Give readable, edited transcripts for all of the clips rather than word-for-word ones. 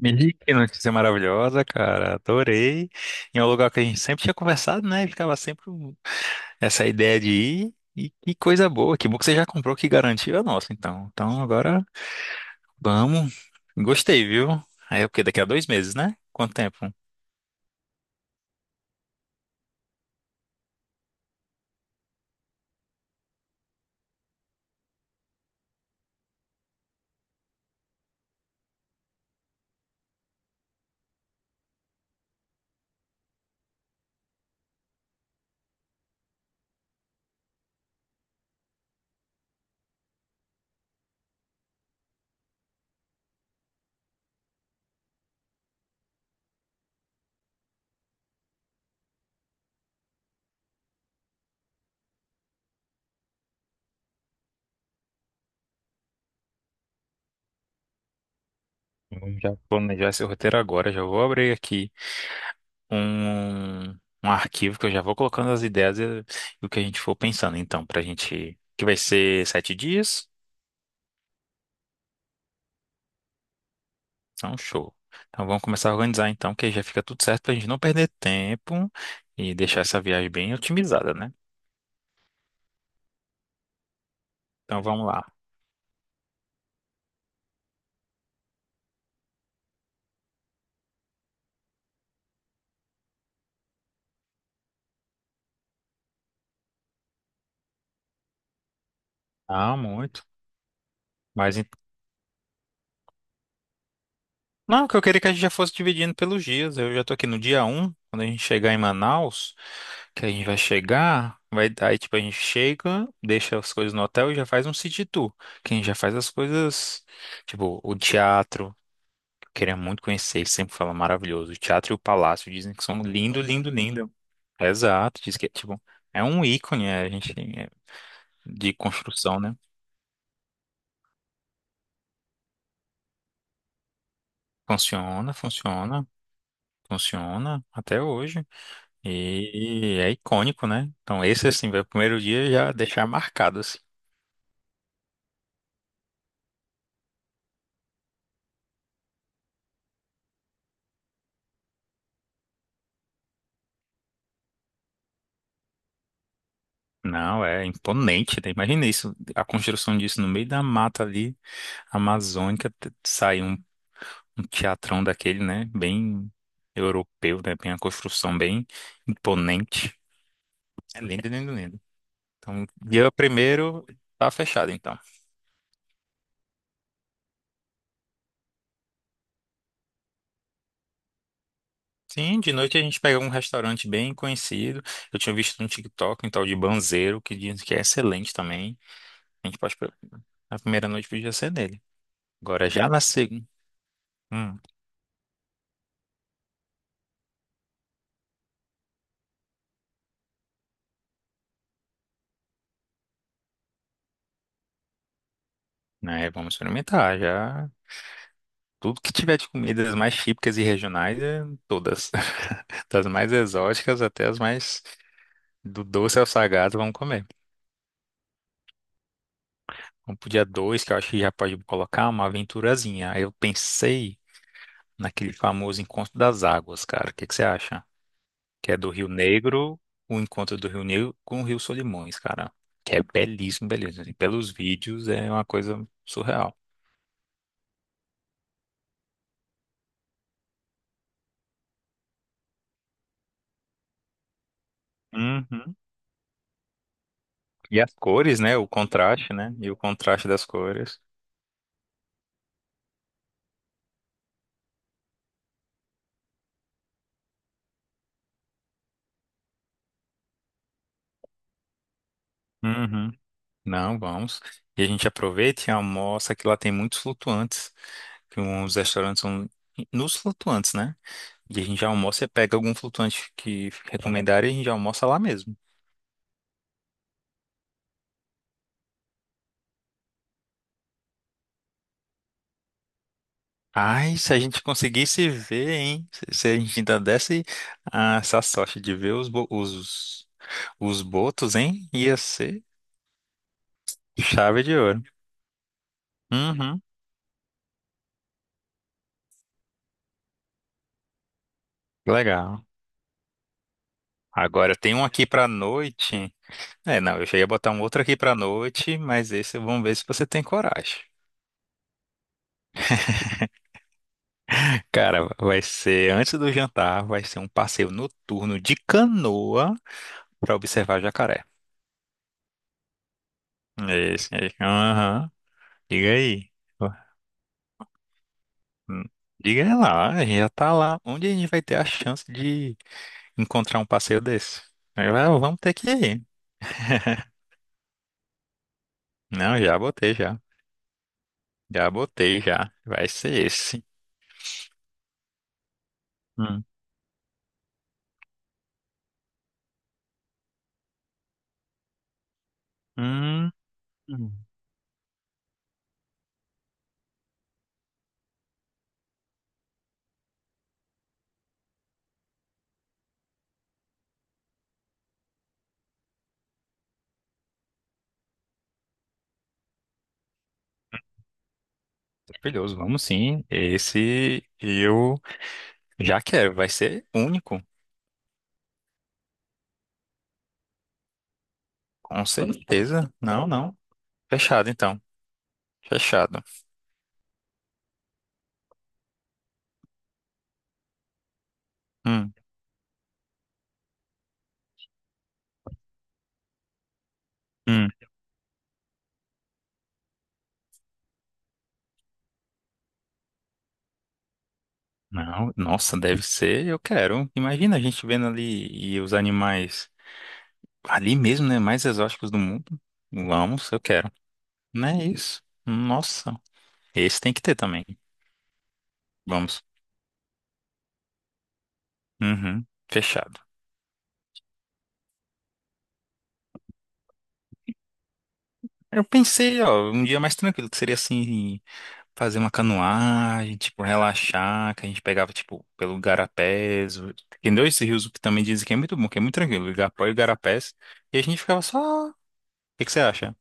Menino, que notícia maravilhosa, cara. Adorei. E é um lugar que a gente sempre tinha conversado, né? Ficava sempre essa ideia de ir. E que coisa boa. Que bom que você já comprou, que garantiu é nossa, então. Então agora vamos. Gostei, viu? Aí é porque daqui a 2 meses, né? Quanto tempo? Vamos já planejar esse roteiro agora. Já vou abrir aqui um, um arquivo que eu já vou colocando as ideias e o que a gente for pensando, então, pra gente. Que vai ser 7 dias. Então, show. Então, vamos começar a organizar então, que aí já fica tudo certo pra gente não perder tempo e deixar essa viagem bem otimizada, né? Então, vamos lá. Ah, muito. Mas, ent- não, que eu queria é que a gente já fosse dividindo pelos dias. Eu já tô aqui no dia 1 quando a gente chegar em Manaus, que a gente vai chegar, vai, aí tipo a gente chega, deixa as coisas no hotel e já faz um city tour, que a gente já faz as coisas, tipo, o teatro. Queria muito conhecer, ele sempre fala maravilhoso. O teatro e o palácio dizem que são lindo, lindo, lindo. Exato, diz que é tipo, é um ícone, é, a gente é, de construção, né? Funciona, funciona, funciona até hoje. E é icônico, né? Então esse assim, vai o primeiro dia já deixar marcado assim. Não, é imponente, né? Imagina isso, a construção disso no meio da mata ali, amazônica, sair um teatrão daquele, né? Bem europeu, né? Bem a construção bem imponente. É lindo, lindo, lindo. Então, dia primeiro tá fechado, então. Sim, de noite a gente pega um restaurante bem conhecido. Eu tinha visto no TikTok um tal de Banzeiro, que diz que é excelente também. A gente pode... A primeira noite podia ser nele. Agora já na segunda... Hum, né? Vamos experimentar, já... Tudo que tiver de comidas mais típicas e regionais, é todas. Das mais exóticas até as mais do doce ao salgado, vamos comer. Vamos pro dia 2 que eu acho que já pode colocar uma aventurazinha. Aí eu pensei naquele famoso encontro das águas, cara. O que que você acha? Que é do Rio Negro, o encontro do Rio Negro com o Rio Solimões, cara. Que é belíssimo, belíssimo. Assim, pelos vídeos é uma coisa surreal. Uhum. E as cores, né? O contraste, né? E o contraste das cores. Uhum. Não, vamos. E a gente aproveita e almoça, que lá tem muitos flutuantes. Que uns restaurantes são nos flutuantes, né? E a gente já almoça, você pega algum flutuante que recomendarem e a gente já almoça lá mesmo. Ai, se a gente conseguisse ver, hein? Se a gente ainda desse ah, essa sorte de ver os botos, hein? Ia ser chave de ouro. Uhum, legal. Agora tem um aqui pra noite. É, não, eu já ia botar um outro aqui pra noite, mas esse vamos ver se você tem coragem. Cara, vai ser antes do jantar, vai ser um passeio noturno de canoa pra observar jacaré. É esse aí. Aham. Diga aí. Hum. Diga lá, a gente já tá lá. Onde a gente vai ter a chance de encontrar um passeio desse? Aí, vai, vamos ter que ir. Não, já botei já. Já botei já. Vai ser esse. Hum. Hum. Hum. Maravilhoso, vamos sim. Esse eu já quero. Vai ser único, com certeza. Não, não. Fechado então. Fechado. Hum. Hum. Não, nossa, deve ser, eu quero. Imagina a gente vendo ali e os animais ali mesmo, né, mais exóticos do mundo. Vamos, eu quero. Não é isso. Nossa, esse tem que ter também. Vamos. Uhum, fechado. Eu pensei, ó, um dia mais tranquilo, que seria assim, fazer uma canoagem, tipo, relaxar, que a gente pegava, tipo, pelo Tem dois rios que também dizem que é muito bom, que é muito tranquilo, o Igapó e o Garapés. E a gente ficava só. O que que você acha?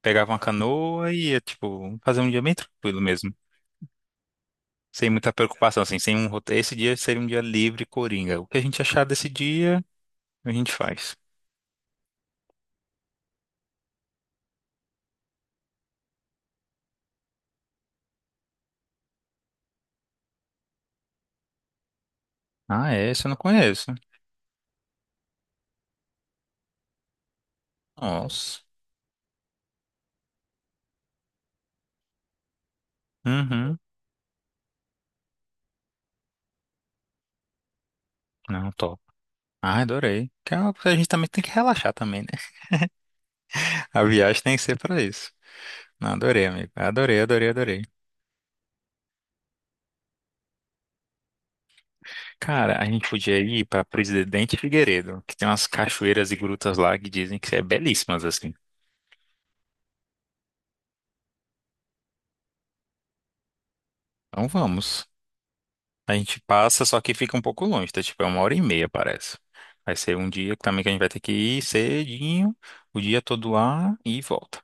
Pegava uma canoa e ia, tipo, fazer um dia bem tranquilo mesmo. Sem muita preocupação, assim, sem um roteiro. Esse dia seria um dia livre, coringa. O que a gente achar desse dia, a gente faz. Ah, é? Esse eu não conheço. Nossa. Uhum. Não, top. Ah, adorei. Que é uma coisa que a gente também tem que relaxar também, né? A viagem tem que ser pra isso. Não, adorei, amigo. Adorei, adorei, adorei. Cara, a gente podia ir pra Presidente Figueiredo, que tem umas cachoeiras e grutas lá que dizem que é belíssimas, assim. Então vamos. A gente passa, só que fica um pouco longe, tá? Tipo, é 1 hora e meia, parece. Vai ser um dia também que a gente vai ter que ir cedinho, o dia todo lá e volta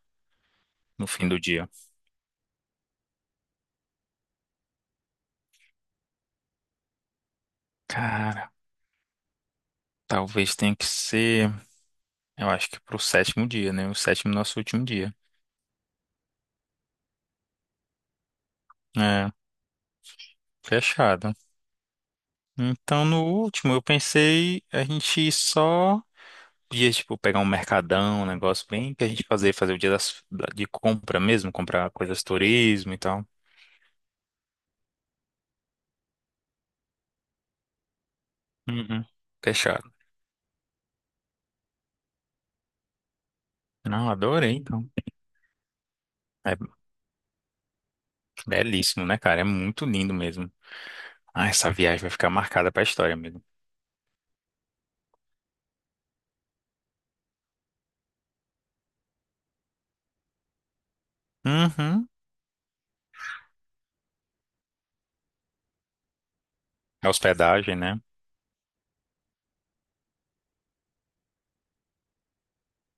no fim do dia. Cara, talvez tenha que ser, eu acho que pro sétimo dia, né? O sétimo nosso último dia. É, fechado. Então, no último, eu pensei a gente ir só dias tipo, pegar um mercadão, um negócio bem que a gente fazer, fazer o dia de compra mesmo, comprar coisas de turismo e tal. Uhum. Fechado. Não, adorei, então. É belíssimo, né, cara? É muito lindo mesmo. Ah, essa viagem vai ficar marcada pra história, amigo. Uhum. A hospedagem, né?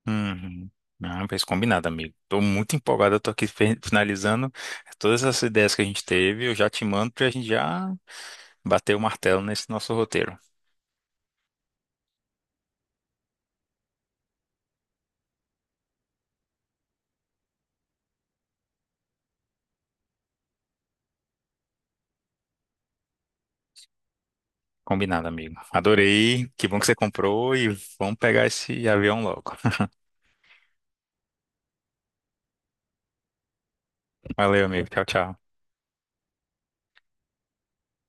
Uhum. Não, fez combinado, amigo. Tô muito empolgado, eu tô aqui finalizando todas essas ideias que a gente teve. Eu já te mando pra gente já bater o martelo nesse nosso roteiro. Combinado, amigo. Adorei. Que bom que você comprou e vamos pegar esse avião logo. Valeu, amigo. Tchau, tchau.